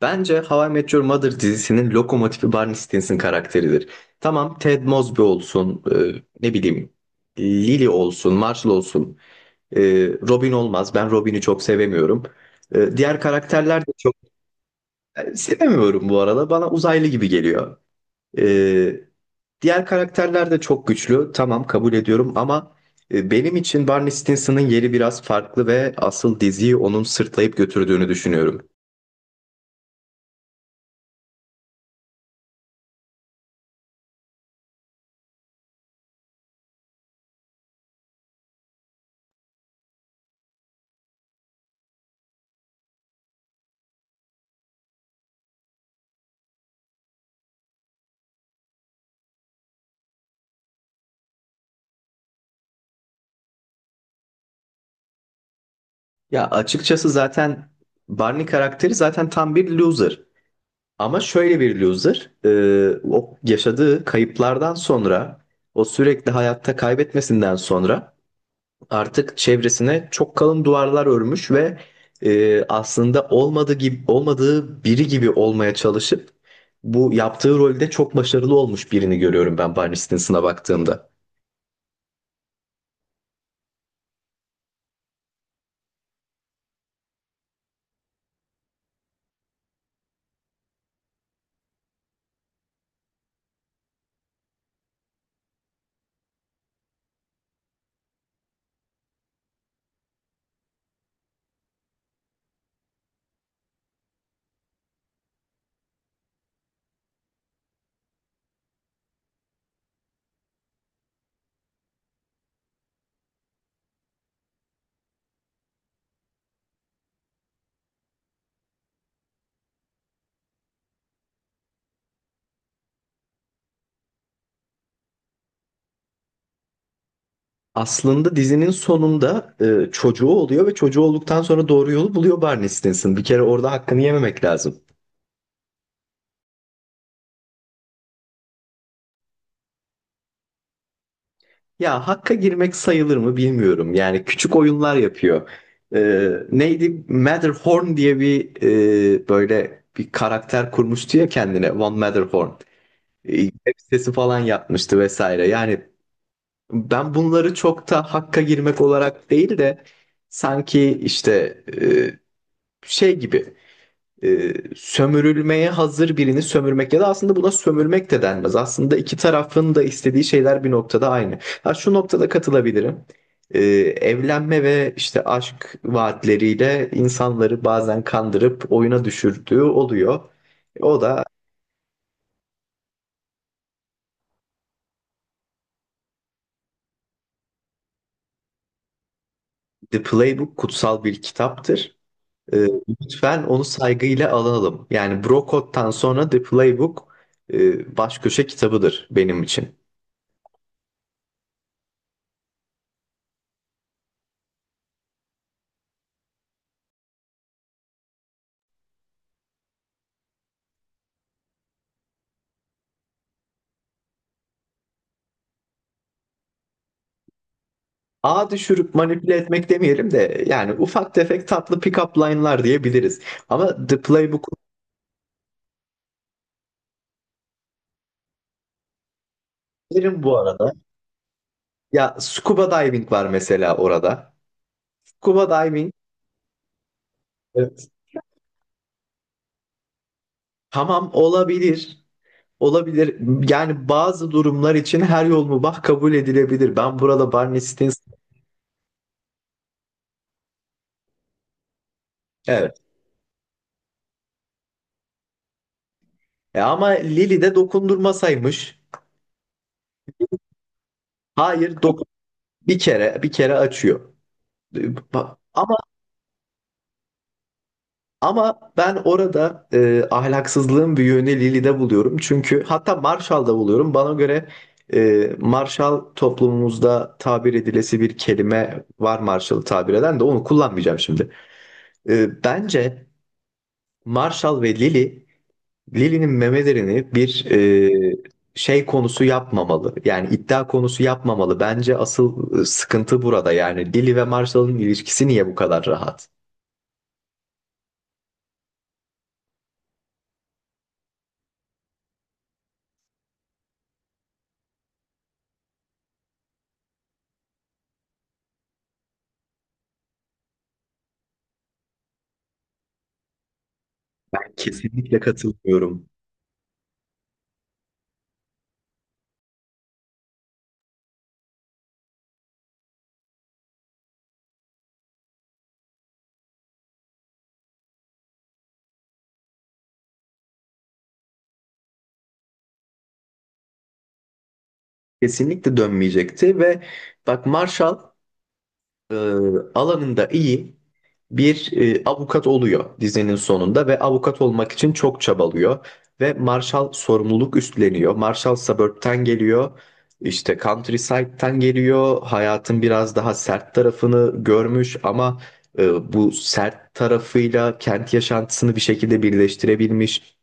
Bence How I Met Your Mother dizisinin lokomotifi Barney Stinson karakteridir. Tamam Ted Mosby olsun, ne bileyim Lily olsun, Marshall olsun, e, Robin olmaz. Ben Robin'i çok sevemiyorum. Diğer karakterler de çok sevemiyorum bu arada. Bana uzaylı gibi geliyor. E, diğer karakterler de çok güçlü. Tamam kabul ediyorum ama benim için Barney Stinson'ın yeri biraz farklı ve asıl diziyi onun sırtlayıp götürdüğünü düşünüyorum. Ya açıkçası zaten Barney karakteri zaten tam bir loser. Ama şöyle bir loser, o yaşadığı kayıplardan sonra, o sürekli hayatta kaybetmesinden sonra artık çevresine çok kalın duvarlar örmüş ve aslında olmadığı gibi olmadığı biri gibi olmaya çalışıp bu yaptığı rolde çok başarılı olmuş birini görüyorum ben Barney Stinson'a baktığımda. Aslında dizinin sonunda çocuğu oluyor ve çocuğu olduktan sonra doğru yolu buluyor Barney Stinson. Bir kere orada hakkını yememek lazım. Ya hakka girmek sayılır mı bilmiyorum. Yani küçük oyunlar yapıyor. Neydi? Matterhorn diye bir böyle bir karakter kurmuştu ya kendine. One Matterhorn. Web sitesi falan yapmıştı vesaire. Yani ben bunları çok da hakka girmek olarak değil de sanki işte şey gibi. Sömürülmeye hazır birini sömürmek ya da aslında buna sömürmek de denmez. Aslında iki tarafın da istediği şeyler bir noktada aynı. Ha, şu noktada katılabilirim. E, evlenme ve işte aşk vaatleriyle insanları bazen kandırıp oyuna düşürdüğü oluyor. O da The Playbook kutsal bir kitaptır. Ee, lütfen onu saygıyla alalım. Yani Brocott'tan sonra The Playbook baş köşe kitabıdır benim için. Ağa düşürüp manipüle etmek demeyelim de yani ufak tefek tatlı pick-up line'lar diyebiliriz. Ama The Playbook'u derim bu arada. Ya scuba diving var mesela orada. Scuba diving evet. Tamam olabilir. Olabilir. Yani bazı durumlar için her yol mubah kabul edilebilir. Ben burada Barney Stinson. Evet. Ama Lily de dokundurmasaymış. Hayır, dokun bir kere bir kere açıyor. E, ba- Ama Ama ben orada ahlaksızlığın bir yönü Lili'de buluyorum. Çünkü hatta Marshall'da buluyorum. Bana göre Marshall toplumumuzda tabir edilesi bir kelime var, Marshall'ı tabir eden de onu kullanmayacağım şimdi. Bence Marshall ve Lili, Lili'nin memelerini bir şey konusu yapmamalı. Yani iddia konusu yapmamalı. Bence asıl sıkıntı burada. Yani Lili ve Marshall'ın ilişkisi niye bu kadar rahat? Ben kesinlikle katılmıyorum. Kesinlikle dönmeyecekti ve bak Marshall e, alanında iyi bir avukat oluyor dizinin sonunda ve avukat olmak için çok çabalıyor ve Marshall sorumluluk üstleniyor. Marshall suburb'ten geliyor. İşte countryside'den geliyor. Hayatın biraz daha sert tarafını görmüş ama bu sert tarafıyla kent yaşantısını bir şekilde birleştirebilmiş.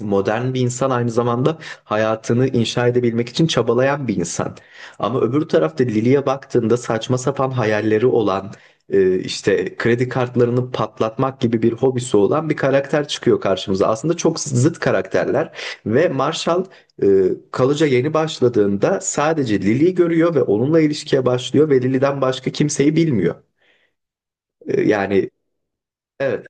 Modern bir insan, aynı zamanda hayatını inşa edebilmek için çabalayan bir insan. Ama öbür tarafta Lily'e baktığında saçma sapan hayalleri olan, işte kredi kartlarını patlatmak gibi bir hobisi olan bir karakter çıkıyor karşımıza. Aslında çok zıt karakterler ve Marshall e, College'a yeni başladığında sadece Lily'yi görüyor ve onunla ilişkiye başlıyor ve Lily'den başka kimseyi bilmiyor. Yani evet.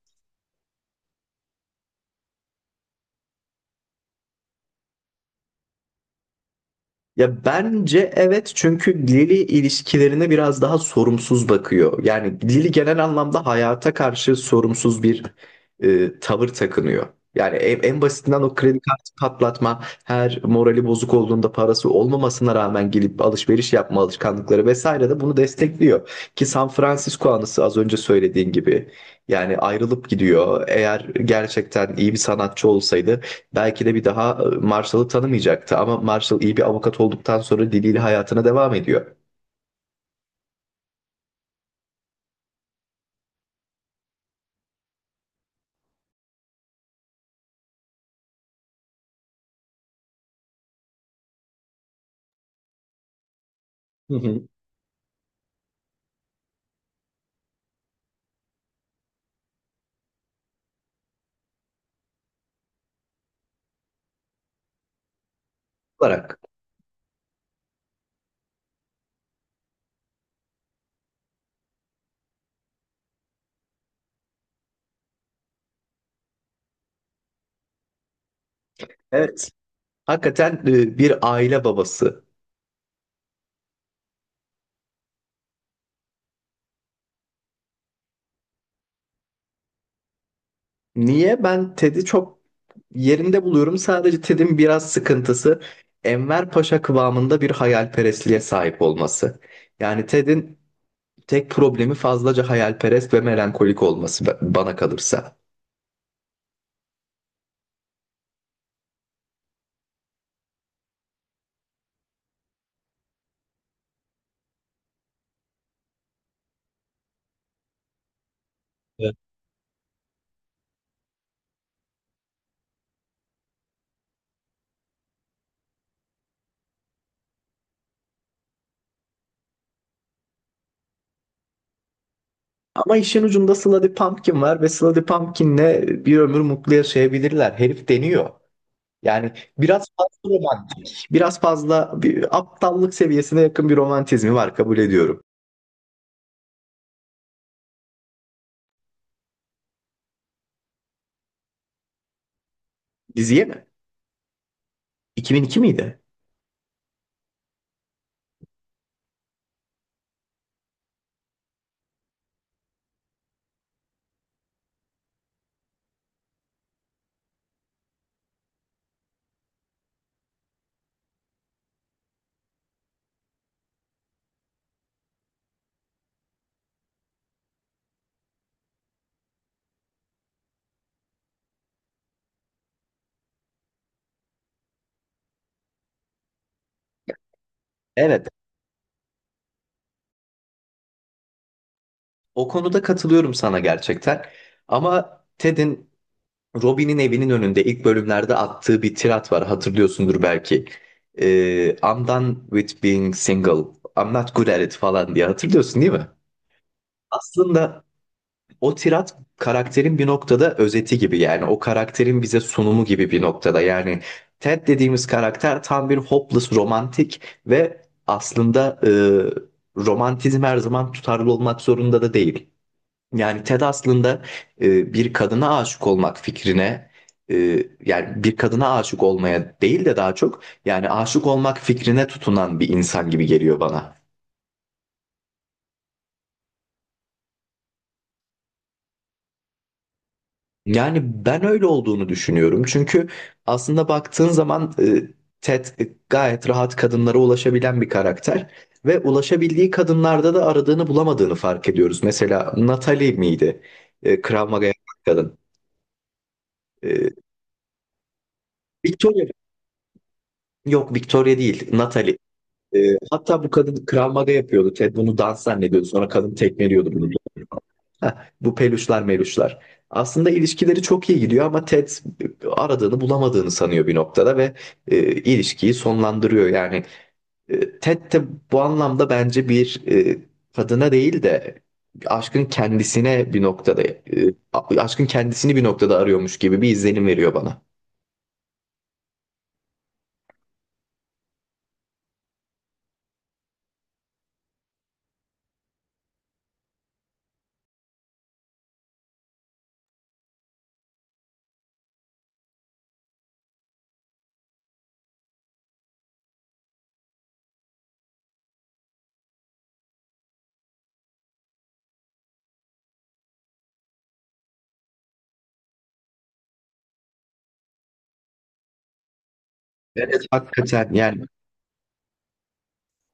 Ya bence evet, çünkü Lily ilişkilerine biraz daha sorumsuz bakıyor. Yani Lily genel anlamda hayata karşı sorumsuz bir tavır takınıyor. Yani en basitinden o kredi kartı patlatma, her morali bozuk olduğunda parası olmamasına rağmen gelip alışveriş yapma alışkanlıkları vesaire de bunu destekliyor. Ki San Francisco anısı az önce söylediğin gibi. Yani ayrılıp gidiyor. Eğer gerçekten iyi bir sanatçı olsaydı belki de bir daha Marshall'ı tanımayacaktı, ama Marshall iyi bir avukat olduktan sonra diliyle hayatına devam ediyor. Hı hı. Olarak. Evet. Hakikaten bir aile babası. Niye? Ben Ted'i çok yerinde buluyorum. Sadece Ted'in biraz sıkıntısı Enver Paşa kıvamında bir hayalperestliğe sahip olması. Yani Ted'in tek problemi fazlaca hayalperest ve melankolik olması bana kalırsa. Ama işin ucunda Sluddy Pumpkin var ve Sluddy Pumpkin'le bir ömür mutlu yaşayabilirler. Herif deniyor. Yani biraz fazla romantik, biraz fazla bir aptallık seviyesine yakın bir romantizmi var, kabul ediyorum. Diziye mi? 2002 miydi? Evet. O konuda katılıyorum sana gerçekten. Ama Ted'in Robin'in evinin önünde ilk bölümlerde attığı bir tirat var, hatırlıyorsundur belki. I'm done with being single. I'm not good at it falan diye hatırlıyorsun değil mi? Aslında o tirat karakterin bir noktada özeti gibi, yani o karakterin bize sunumu gibi bir noktada, yani Ted dediğimiz karakter tam bir hopeless romantik ve aslında romantizm her zaman tutarlı olmak zorunda da değil. Yani Ted aslında bir kadına aşık olmak fikrine, e, yani bir kadına aşık olmaya değil de daha çok yani aşık olmak fikrine tutunan bir insan gibi geliyor bana. Yani ben öyle olduğunu düşünüyorum. Çünkü aslında baktığın zaman Ted gayet rahat kadınlara ulaşabilen bir karakter ve ulaşabildiği kadınlarda da aradığını bulamadığını fark ediyoruz. Mesela Natalie miydi? Krav Maga yapan kadın. E, Victoria, yok Victoria değil, Natalie. E, hatta bu kadın Krav Maga yapıyordu. Ted bunu dans zannediyordu. Sonra kadın tekmeliyordu bunu. Ha, bu peluşlar meluşlar. Aslında ilişkileri çok iyi gidiyor ama Ted aradığını bulamadığını sanıyor bir noktada ve ilişkiyi sonlandırıyor. Yani Ted de bu anlamda bence bir kadına değil de aşkın kendisine bir noktada, aşkın kendisini bir noktada arıyormuş gibi bir izlenim veriyor bana. Evet. Hakikaten yani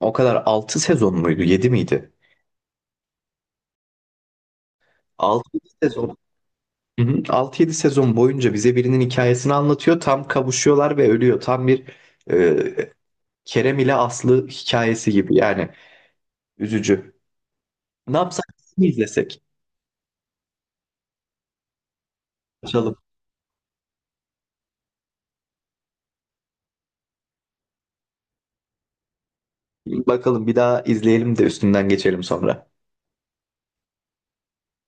o kadar, 6 sezon muydu 7 miydi? 6 sezon. Hı hı. 6-7 sezon boyunca bize birinin hikayesini anlatıyor. Tam kavuşuyorlar ve ölüyor. Tam bir e, Kerem ile Aslı hikayesi gibi yani, üzücü. Ne yapsak mi izlesek? Açalım. Bakalım bir daha izleyelim de üstünden geçelim sonra.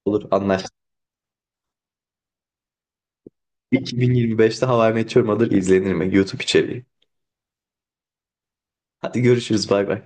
Olur, anlaştık. 2025'te Hava I Met Your Mother izlenir mi? YouTube içeriği. Hadi görüşürüz, bay bay.